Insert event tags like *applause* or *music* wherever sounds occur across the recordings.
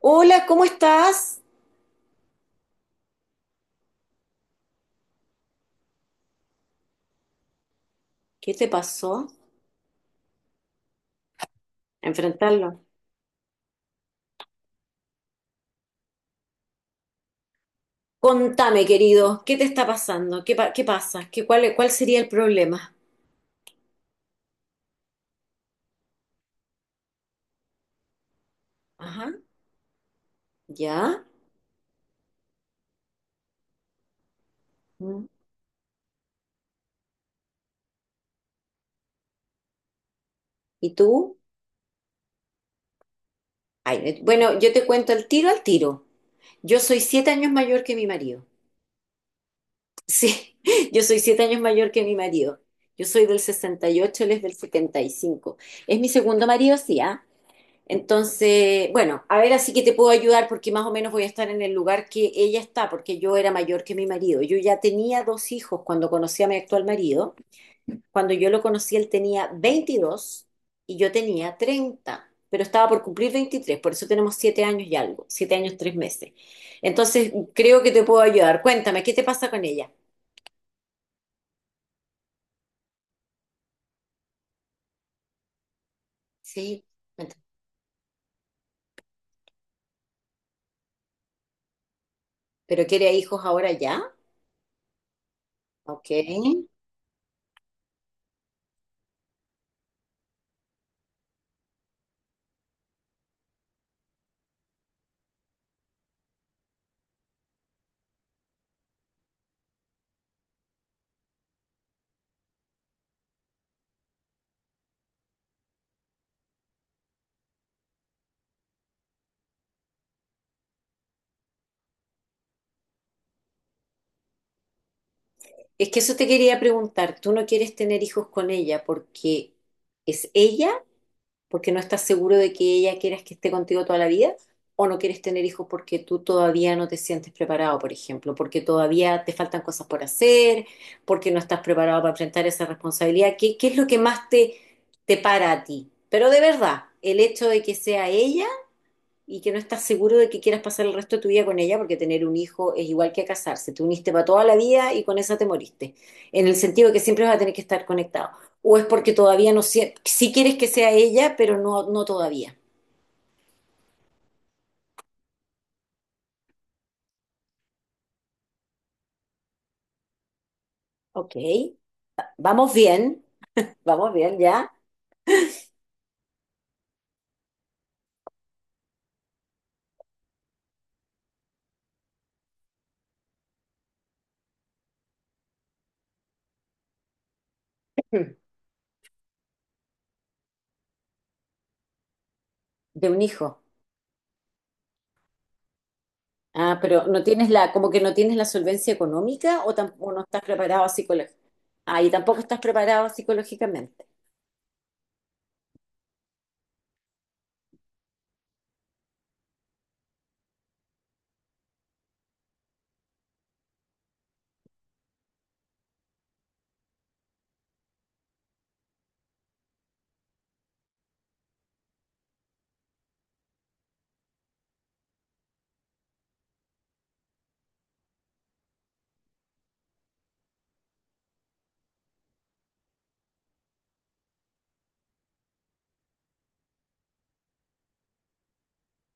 Hola, ¿cómo estás? ¿Qué te pasó? Enfrentarlo. Contame, querido, ¿qué te está pasando? ¿Qué pasa? ¿Cuál sería el problema? Ajá, ¿ya? Mm. ¿Y tú? Ay, bueno, yo te cuento al tiro al tiro. Yo soy 7 años mayor que mi marido. Sí, *laughs* yo soy 7 años mayor que mi marido. Yo soy del 68, él es del 75. Es mi segundo marido, sí, ¿ah? Entonces, bueno, a ver, así que te puedo ayudar porque más o menos voy a estar en el lugar que ella está, porque yo era mayor que mi marido. Yo ya tenía dos hijos cuando conocí a mi actual marido. Cuando yo lo conocí, él tenía 22 y yo tenía 30, pero estaba por cumplir 23, por eso tenemos 7 años y algo, 7 años, 3 meses. Entonces, creo que te puedo ayudar. Cuéntame, ¿qué te pasa con ella? Sí, cuéntame. ¿Pero quiere hijos ahora ya? Ok. Es que eso te quería preguntar, ¿tú no quieres tener hijos con ella porque es ella, porque no estás seguro de que ella quieras que esté contigo toda la vida, o no quieres tener hijos porque tú todavía no te sientes preparado, por ejemplo, porque todavía te faltan cosas por hacer, porque no estás preparado para enfrentar esa responsabilidad? ¿Qué es lo que más te para a ti? Pero de verdad, el hecho de que sea ella y que no estás seguro de que quieras pasar el resto de tu vida con ella, porque tener un hijo es igual que casarse. Te uniste para toda la vida y con esa te moriste, en el sentido de que siempre vas a tener que estar conectado. O es porque todavía no, si quieres que sea ella, pero no, no todavía. Ok, vamos bien, vamos bien ya, de un hijo. Ah, pero no tienes la, como que no tienes la solvencia económica o tampoco no estás preparado psicológicamente. Ah, y tampoco estás preparado psicológicamente.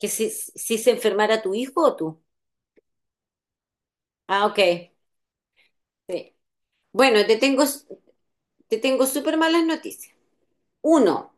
Que si se enfermara tu hijo o tú. Ah, ok. Sí. Bueno, te tengo súper malas noticias. Uno,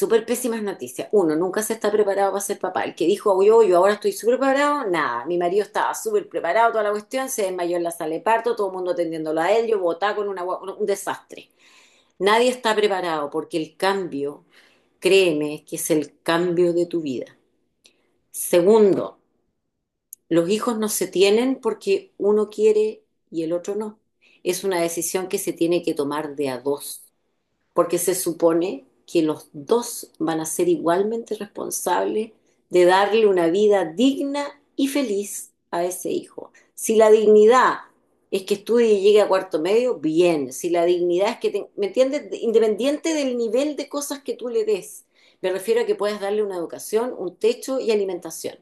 Súper pésimas noticias. Uno, nunca se está preparado para ser papá. El que dijo, "Uy, yo ahora estoy súper preparado, nada. Mi marido estaba súper preparado, toda la cuestión, se desmayó en la sala de parto, todo el mundo atendiéndolo a él, yo botaba con un desastre. Nadie está preparado porque el cambio, créeme, que es el cambio de tu vida. Segundo, los hijos no se tienen porque uno quiere y el otro no. Es una decisión que se tiene que tomar de a dos porque se supone que los dos van a ser igualmente responsables de darle una vida digna y feliz a ese hijo. Si la dignidad es que estudie y llegue a cuarto medio, bien. Si la dignidad es que, te, ¿me entiendes? Independiente del nivel de cosas que tú le des. Me refiero a que puedas darle una educación, un techo y alimentación.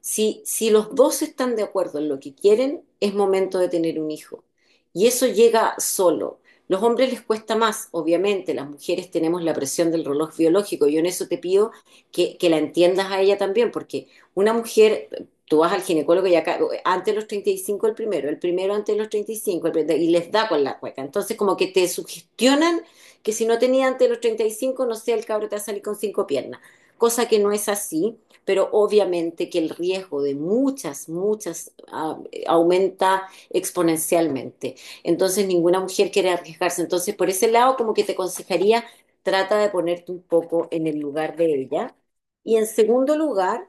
Si los dos están de acuerdo en lo que quieren, es momento de tener un hijo. Y eso llega solo. Los hombres les cuesta más, obviamente, las mujeres tenemos la presión del reloj biológico. Yo en eso te pido que la entiendas a ella también, porque una mujer, tú vas al ginecólogo y acá, antes de los 35 el primero antes de los 35, el y les da con la cueca. Entonces como que te sugestionan que si no tenía antes de los 35, no sé, el cabro te va a salir con cinco piernas, cosa que no es así, pero obviamente que el riesgo de muchas, muchas, aumenta exponencialmente. Entonces ninguna mujer quiere arriesgarse. Entonces por ese lado como que te aconsejaría, trata de ponerte un poco en el lugar de ella. Y en segundo lugar,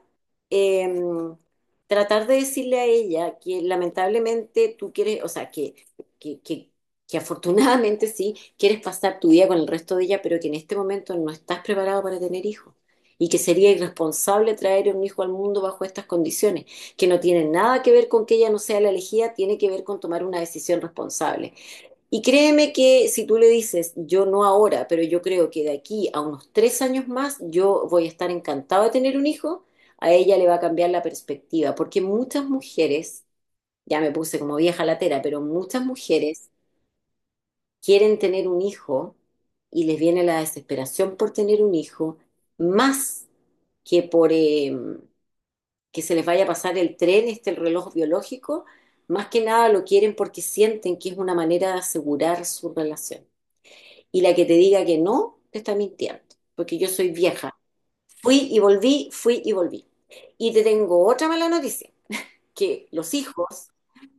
em, tratar de decirle a ella que lamentablemente tú quieres, o sea, que, que, que afortunadamente sí, quieres pasar tu vida con el resto de ella, pero que en este momento no estás preparado para tener hijos y que sería irresponsable traer un hijo al mundo bajo estas condiciones, que no tienen nada que ver con que ella no sea la elegida, tiene que ver con tomar una decisión responsable. Y créeme que si tú le dices, yo no ahora, pero yo creo que de aquí a unos 3 años más, yo voy a estar encantado de tener un hijo, a ella le va a cambiar la perspectiva, porque muchas mujeres, ya me puse como vieja latera, pero muchas mujeres quieren tener un hijo y les viene la desesperación por tener un hijo, más que por que se les vaya a pasar el tren, el reloj biológico, más que nada lo quieren porque sienten que es una manera de asegurar su relación. Y la que te diga que no, te está mintiendo, porque yo soy vieja. Fui y volví, fui y volví. Y te tengo otra mala noticia, que los hijos,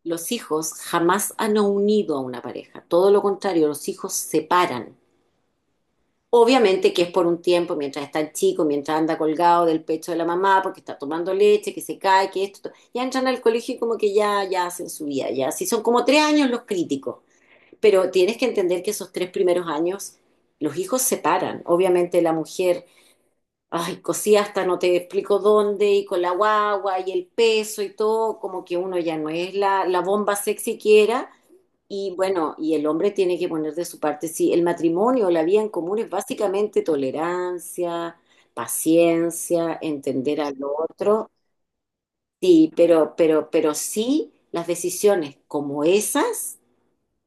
los hijos jamás han unido a una pareja. Todo lo contrario, los hijos separan. Obviamente que es por un tiempo, mientras está el chico, mientras anda colgado del pecho de la mamá, porque está tomando leche, que se cae, que esto. Ya entran al colegio y como que ya, ya hacen su vida, ya. Sí, son como 3 años los críticos. Pero tienes que entender que esos tres primeros años, los hijos se paran. Obviamente la mujer, ay, cosía hasta no te explico dónde, y con la guagua, y el peso y todo, como que uno ya no es la, bomba sexy que era. Y bueno, y el hombre tiene que poner de su parte, sí, el matrimonio, la vida en común es básicamente tolerancia, paciencia, entender al otro, sí, pero sí las decisiones como esas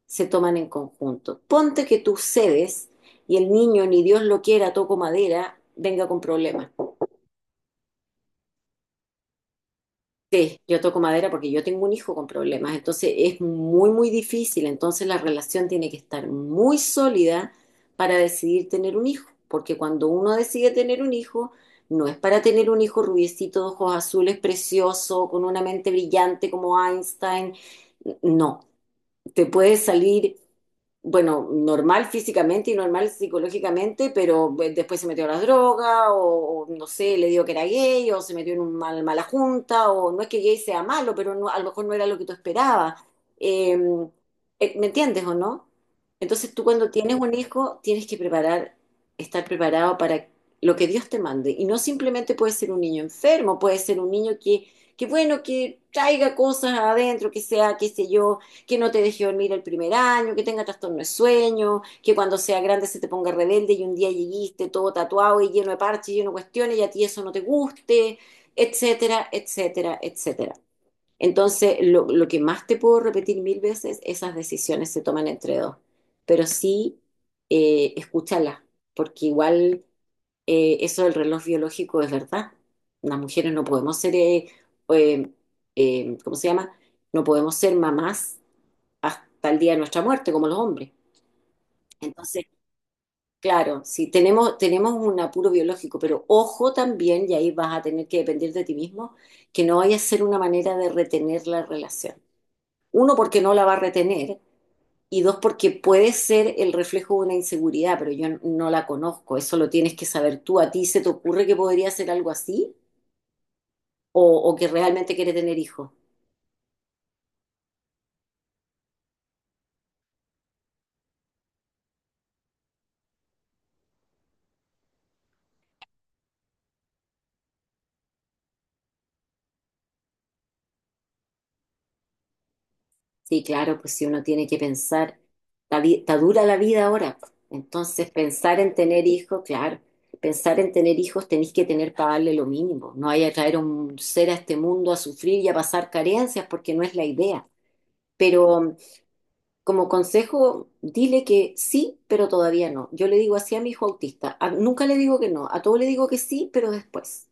se toman en conjunto. Ponte que tú cedes y el niño, ni Dios lo quiera, toco madera, venga con problemas. Sí, yo toco madera porque yo tengo un hijo con problemas, entonces es muy, muy difícil, entonces la relación tiene que estar muy sólida para decidir tener un hijo, porque cuando uno decide tener un hijo, no es para tener un hijo rubiecito, de ojos azules, precioso, con una mente brillante como Einstein, no, te puede salir bueno, normal físicamente y normal psicológicamente, pero pues, después se metió a las drogas, o, no sé, le digo que era gay, o se metió en una mal, mala junta, o no es que gay sea malo, pero a lo mejor no era lo que tú esperabas. Eh, ¿Me entiendes o no? Entonces tú cuando tienes un hijo tienes que preparar, estar preparado para lo que Dios te mande. Y no simplemente puede ser un niño enfermo, puede ser un niño que bueno, que traiga cosas adentro, que sea, qué sé yo, que no te deje dormir el primer año, que tenga trastorno de sueño, que cuando sea grande se te ponga rebelde y un día lleguiste todo tatuado y lleno de parches, lleno de cuestiones y a ti eso no te guste, etcétera, etcétera, etcétera. Entonces, lo que más te puedo repetir mil veces, esas decisiones se toman entre dos, pero sí, escúchala, porque igual, eso del reloj biológico es verdad. Las mujeres no podemos ser, eh, ¿cómo se llama? No podemos ser mamás hasta el día de nuestra muerte, como los hombres. Entonces, claro, si tenemos un apuro biológico, pero ojo también, y ahí vas a tener que depender de ti mismo, que no vaya a ser una manera de retener la relación. Uno, porque no la va a retener, y dos, porque puede ser el reflejo de una inseguridad, pero yo no la conozco, eso lo tienes que saber tú. ¿A ti se te ocurre que podría ser algo así? ¿O, o que realmente quieres tener hijos? Sí, claro, pues si uno tiene que pensar, está dura la vida ahora, pues. Entonces, pensar en tener hijos, claro, pensar en tener hijos tenéis que tener para darle lo mínimo. No hay a traer un ser a este mundo a sufrir y a pasar carencias porque no es la idea. Pero como consejo, dile que sí, pero todavía no. Yo le digo así a mi hijo autista. Nunca le digo que no, a todo le digo que sí, pero después.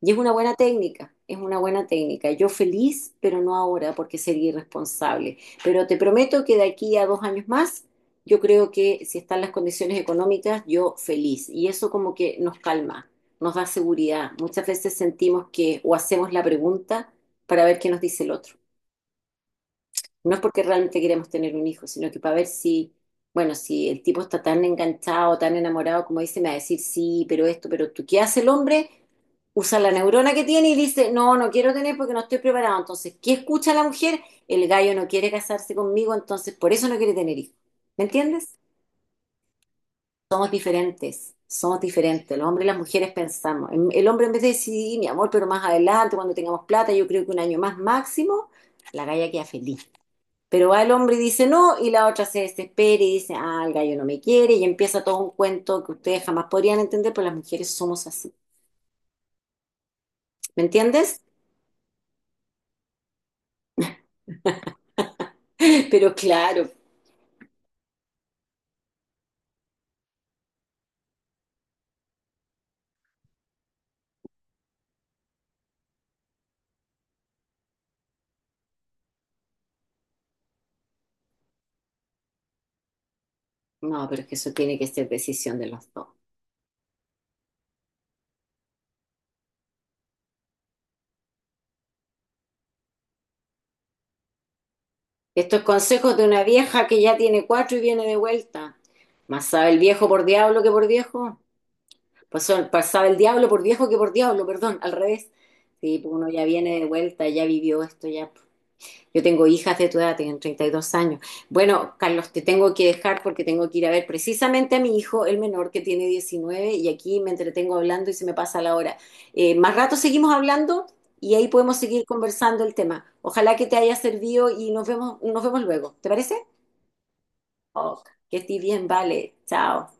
Y es una buena técnica, es una buena técnica. Yo feliz, pero no ahora, porque sería irresponsable. Pero te prometo que de aquí a 2 años más, yo creo que si están las condiciones económicas, yo feliz. Y eso como que nos calma, nos da seguridad. Muchas veces sentimos que o hacemos la pregunta para ver qué nos dice el otro. No es porque realmente queremos tener un hijo, sino que para ver si, bueno, si el tipo está tan enganchado, tan enamorado, como dice, me va a decir, sí, pero esto, pero tú, ¿qué hace el hombre? Usa la neurona que tiene y dice, no, no quiero tener porque no estoy preparado. Entonces, ¿qué escucha la mujer? El gallo no quiere casarse conmigo, entonces por eso no quiere tener hijos. ¿Me entiendes? Somos diferentes, somos diferentes. Los hombres y las mujeres pensamos. El hombre, en vez de decir, "Sí, mi amor, pero más adelante, cuando tengamos plata, yo creo que un año más máximo", la galla queda feliz. Pero va el hombre y dice no, y la otra se desespera y dice, ah, el gallo no me quiere, y empieza todo un cuento que ustedes jamás podrían entender, pero las mujeres somos así. ¿Me entiendes? *laughs* Pero claro, no, pero es que eso tiene que ser decisión de los dos. Estos consejos de una vieja que ya tiene cuatro y viene de vuelta. Más sabe el viejo por diablo que por viejo. Pasaba el diablo por viejo que por diablo, perdón, al revés. Sí, pues uno ya viene de vuelta, ya vivió esto, ya yo tengo hijas de tu edad, tienen 32 años. Bueno, Carlos, te tengo que dejar porque tengo que ir a ver precisamente a mi hijo, el menor, que tiene 19, y aquí me entretengo hablando y se me pasa la hora. Más rato seguimos hablando y ahí podemos seguir conversando el tema. Ojalá que te haya servido y nos vemos luego. ¿Te parece? Ok, que estés bien, vale. Chao.